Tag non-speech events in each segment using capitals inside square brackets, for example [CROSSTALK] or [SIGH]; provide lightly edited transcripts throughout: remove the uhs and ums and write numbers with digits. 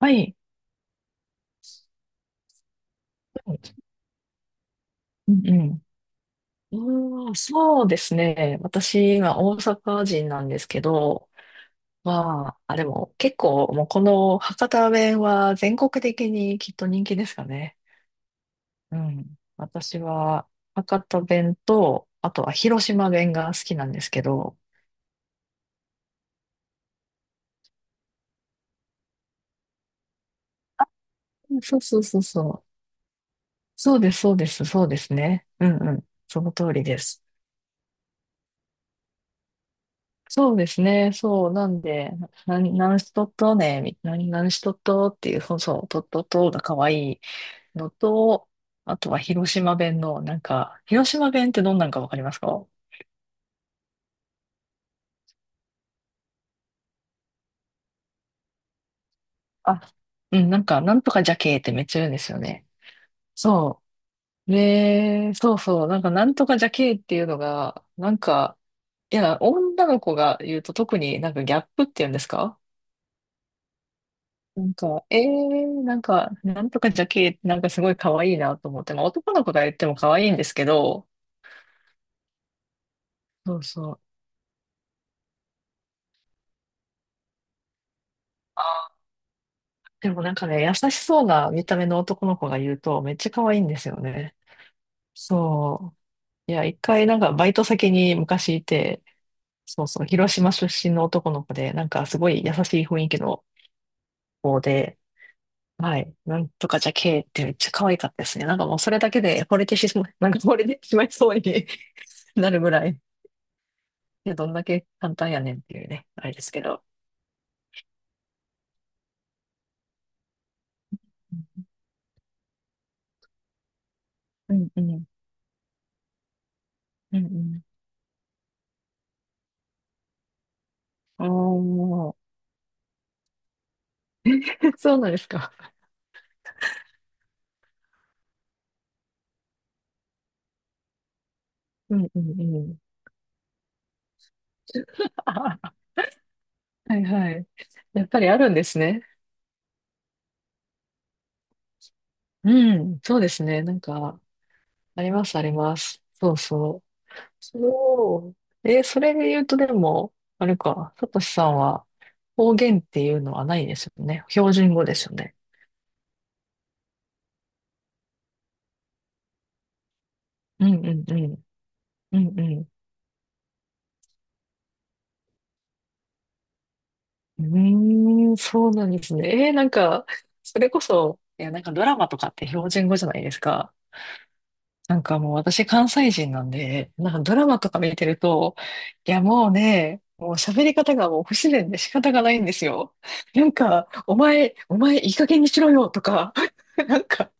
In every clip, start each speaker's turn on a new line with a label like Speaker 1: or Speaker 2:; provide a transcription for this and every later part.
Speaker 1: はい。うんうん。うーん、そうですね。私、今、大阪人なんですけど、まあ、あ、でも、結構、もう、この博多弁は全国的にきっと人気ですかね。うん。私は、博多弁と、あとは広島弁が好きなんですけど、うんそうそうそうそう。そうです、そうです、そうですね。うんうん。その通りです。そうですね。そう。なんで、何しとっとね、何しとっとっていう、そうそう、とっとっとが可愛いのと、あとは広島弁の、なんか、広島弁ってどんなんかわかりますか？あ、うん、なんか、なんとかじゃけーってめっちゃ言うんですよね。そう。で、そうそう、なんか、なんとかじゃけーっていうのが、なんか、いや、女の子が言うと特になんかギャップっていうんですか？なんか、なんか、なんとかじゃけー、なんかすごい可愛いなと思って、まあ男の子が言っても可愛いんですけど、そうそう。あー、でもなんかね、優しそうな見た目の男の子が言うと、めっちゃ可愛いんですよね。そう。いや、一回なんかバイト先に昔いて、そうそう、広島出身の男の子で、なんかすごい優しい雰囲気の子で、はい、なんとかじゃけーってめっちゃ可愛かったですね。なんかもうそれだけで惚れてしまい、なんか惚れてしまいそうに [LAUGHS] なるぐらい。いや、どんだけ簡単やねんっていうね、あれですけど。うんうん。うんうんおー、[LAUGHS] そうなんですか。うん。うんうんうん。[LAUGHS] あはいはい。やっぱりあるんですね。うん、そうですね。なんか、ありますあります。そうそう。そう。それで言うとでも、あれか、さとしさんは方言っていうのはないですよね。標準語ですよね。うんうんうん。うんうんうーん、そうなんですね。なんか、それこそ、いや、なんかドラマとかって標準語じゃないですか。なんかもう私関西人なんで、なんかドラマとか見てると、いやもうね、もう喋り方がもう不自然で仕方がないんですよ。なんか、お前いい加減にしろよとか、[LAUGHS] なんか、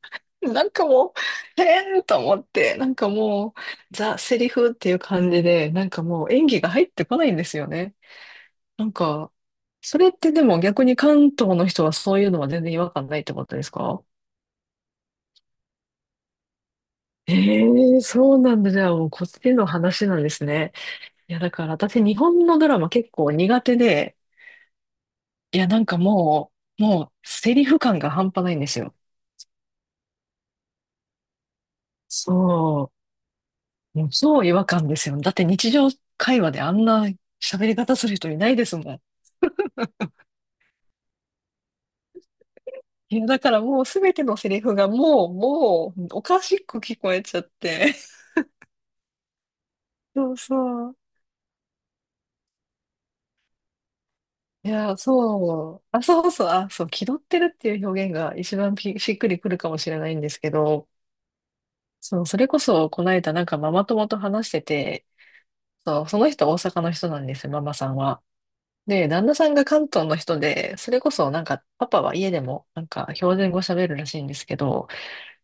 Speaker 1: なんかもう、へーと思って、なんかもう、ザ・セリフっていう感じで、なんかもう演技が入ってこないんですよね。なんか、それってでも逆に関東の人はそういうのは全然違和感ないってことですか？ええそうなんだ。じゃあもうこっちの話なんですね。いや、だから私日本のドラマ結構苦手で、いや、なんかもう、もうセリフ感が半端ないんですよ。そう。もう超違和感ですよ。だって日常会話であんな喋り方する人いないですもん。いや、だからもうすべてのセリフがもう、もう、おかしく聞こえちゃって。[LAUGHS] そうそう。いや、そう。あ、そうそう。あ、そう。気取ってるっていう表現が一番ぴしっくりくるかもしれないんですけど、そう、それこそ、この間なんかママ友と話してて、そう、その人大阪の人なんですよ、ママさんは。で、旦那さんが関東の人で、それこそなんか、パパは家でもなんか標準語喋るらしいんですけど、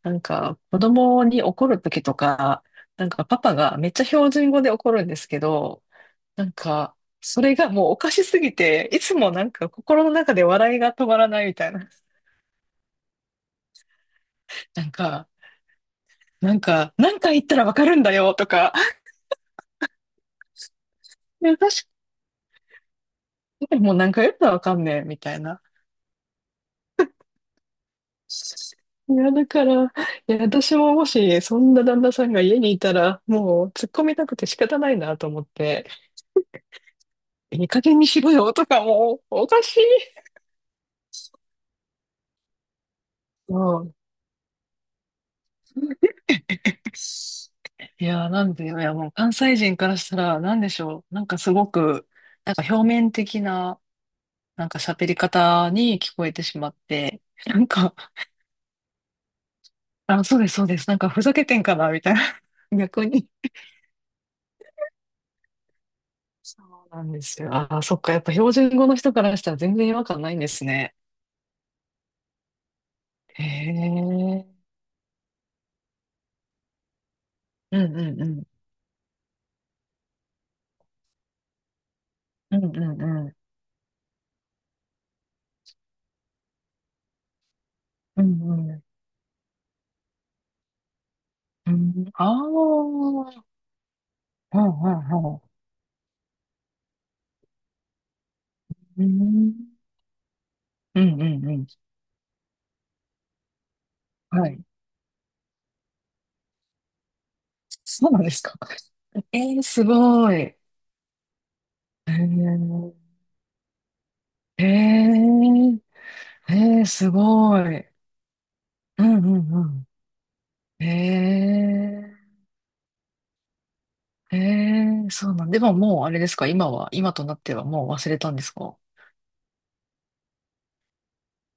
Speaker 1: なんか子供に怒るときとか、なんかパパがめっちゃ標準語で怒るんですけど、なんか、それがもうおかしすぎて、いつもなんか心の中で笑いが止まらないみたいな。[LAUGHS] なんか、なんか、何回言ったらわかるんだよとか、[LAUGHS] いや、確かにもう何回言ったらわかんねえみたいな。いや、だから、私ももし、そんな旦那さんが家にいたら、もう突っ込みたくて仕方ないなと思って、いい加減にしろよとかもう、おかしい。うん。いや、なんで、いや、もう関西人からしたら、なんでしょう。なんかすごく、なんか表面的な、なんか喋り方に聞こえてしまって、なんか、あ、そうです、そうです。なんかふざけてんかな、みたいな。逆に。そうなんですよ。ああ、そっか。やっぱ標準語の人からしたら全然違和感ないんですね。へえ。うんうんうん。うんうんうん。うんうん。うん、ああ。うんうんうん。うんうんうんうんうんうんうんうんうんああうんうんうんうんうんうんはい。そうなんですか。すごい。ー、えー、すごい。うんうんうん。へえ、へえ、そうなんで、もうあれですか、今は、今となってはもう忘れたんですか？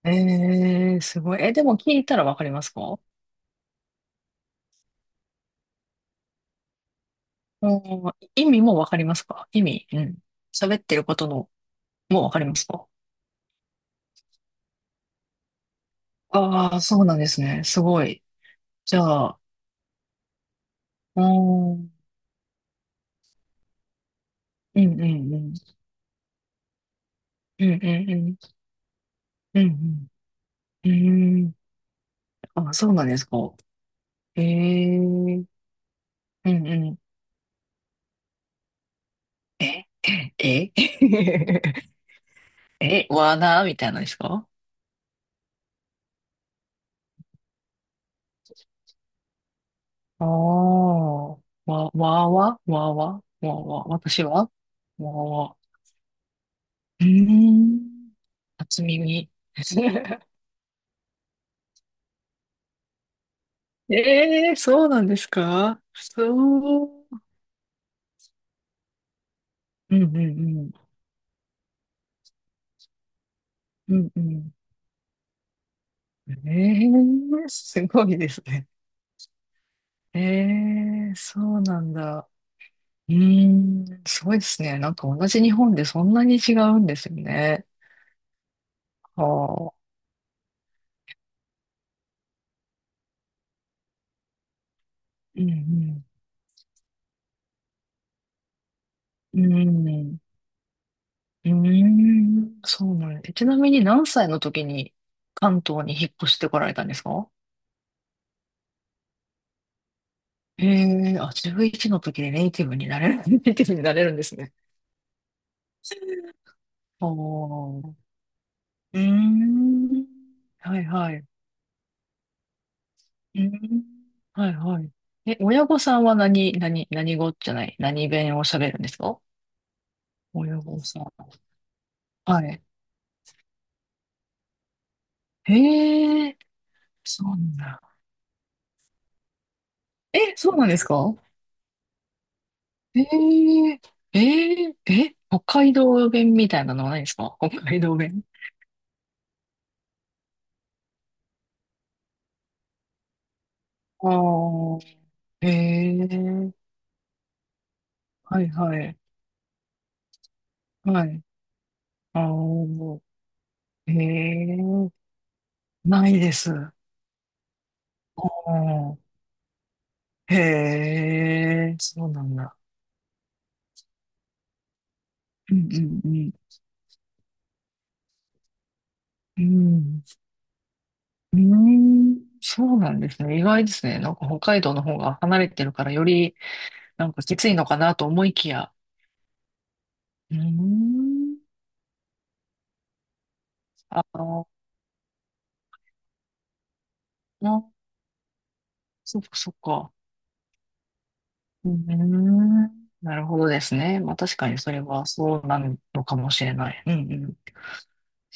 Speaker 1: ええ、すごい。え、でも聞いたらわかりますか？もう、意味もわかりますか？意味、うん。喋ってることの、もうわかりますか？ああそうなんですね。すごい。じゃあ、うーん、うんうんうん。うんうんうん。うんうん。うーん。あ、そうなんですか。ええ、うんうん。え、え [LAUGHS] え、わなみたいなのですか？ああー、わ、わわわわわわ、私はわわ。うーん、初耳。[LAUGHS] ええそうなんですかそう。うんうんうん。うんうん。ええすごいですね。ええそうなんだ。うーん、すごいですね。なんか同じ日本でそんなに違うんですよね。はあ。うんうん。うん。うーん、そうなんです。ちなみに何歳の時に関東に引っ越してこられたんですか？へえあ、11の時でネイティブになれる、[LAUGHS] ネイティブになれるんですね。おー。うーん。はいはい。うーん。はいはい。え、親御さんは何語じゃない、何弁を喋るんですか？親御さん。はい。へえ、そうなんだ。え、そうなんですか？えええええ、北海道弁みたいなのはないんですか？北海道弁。ああ、ええはいはい、はい。ああ、ええないです。ああ、へえ、そうなんだ。うんうんうん。うん、うーん、そうなんですね。意外ですね。なんか北海道の方が離れてるからよりなんかきついのかなと思いきや。うーん、ああ、そっかそっか。うーん。なるほどですね。まあ確かにそれはそうなのかもしれない。うんう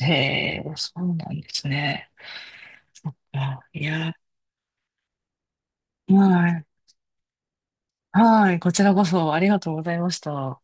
Speaker 1: ん。へえ、そうなんですね。そっか。いや、はい。はい。こちらこそありがとうございました。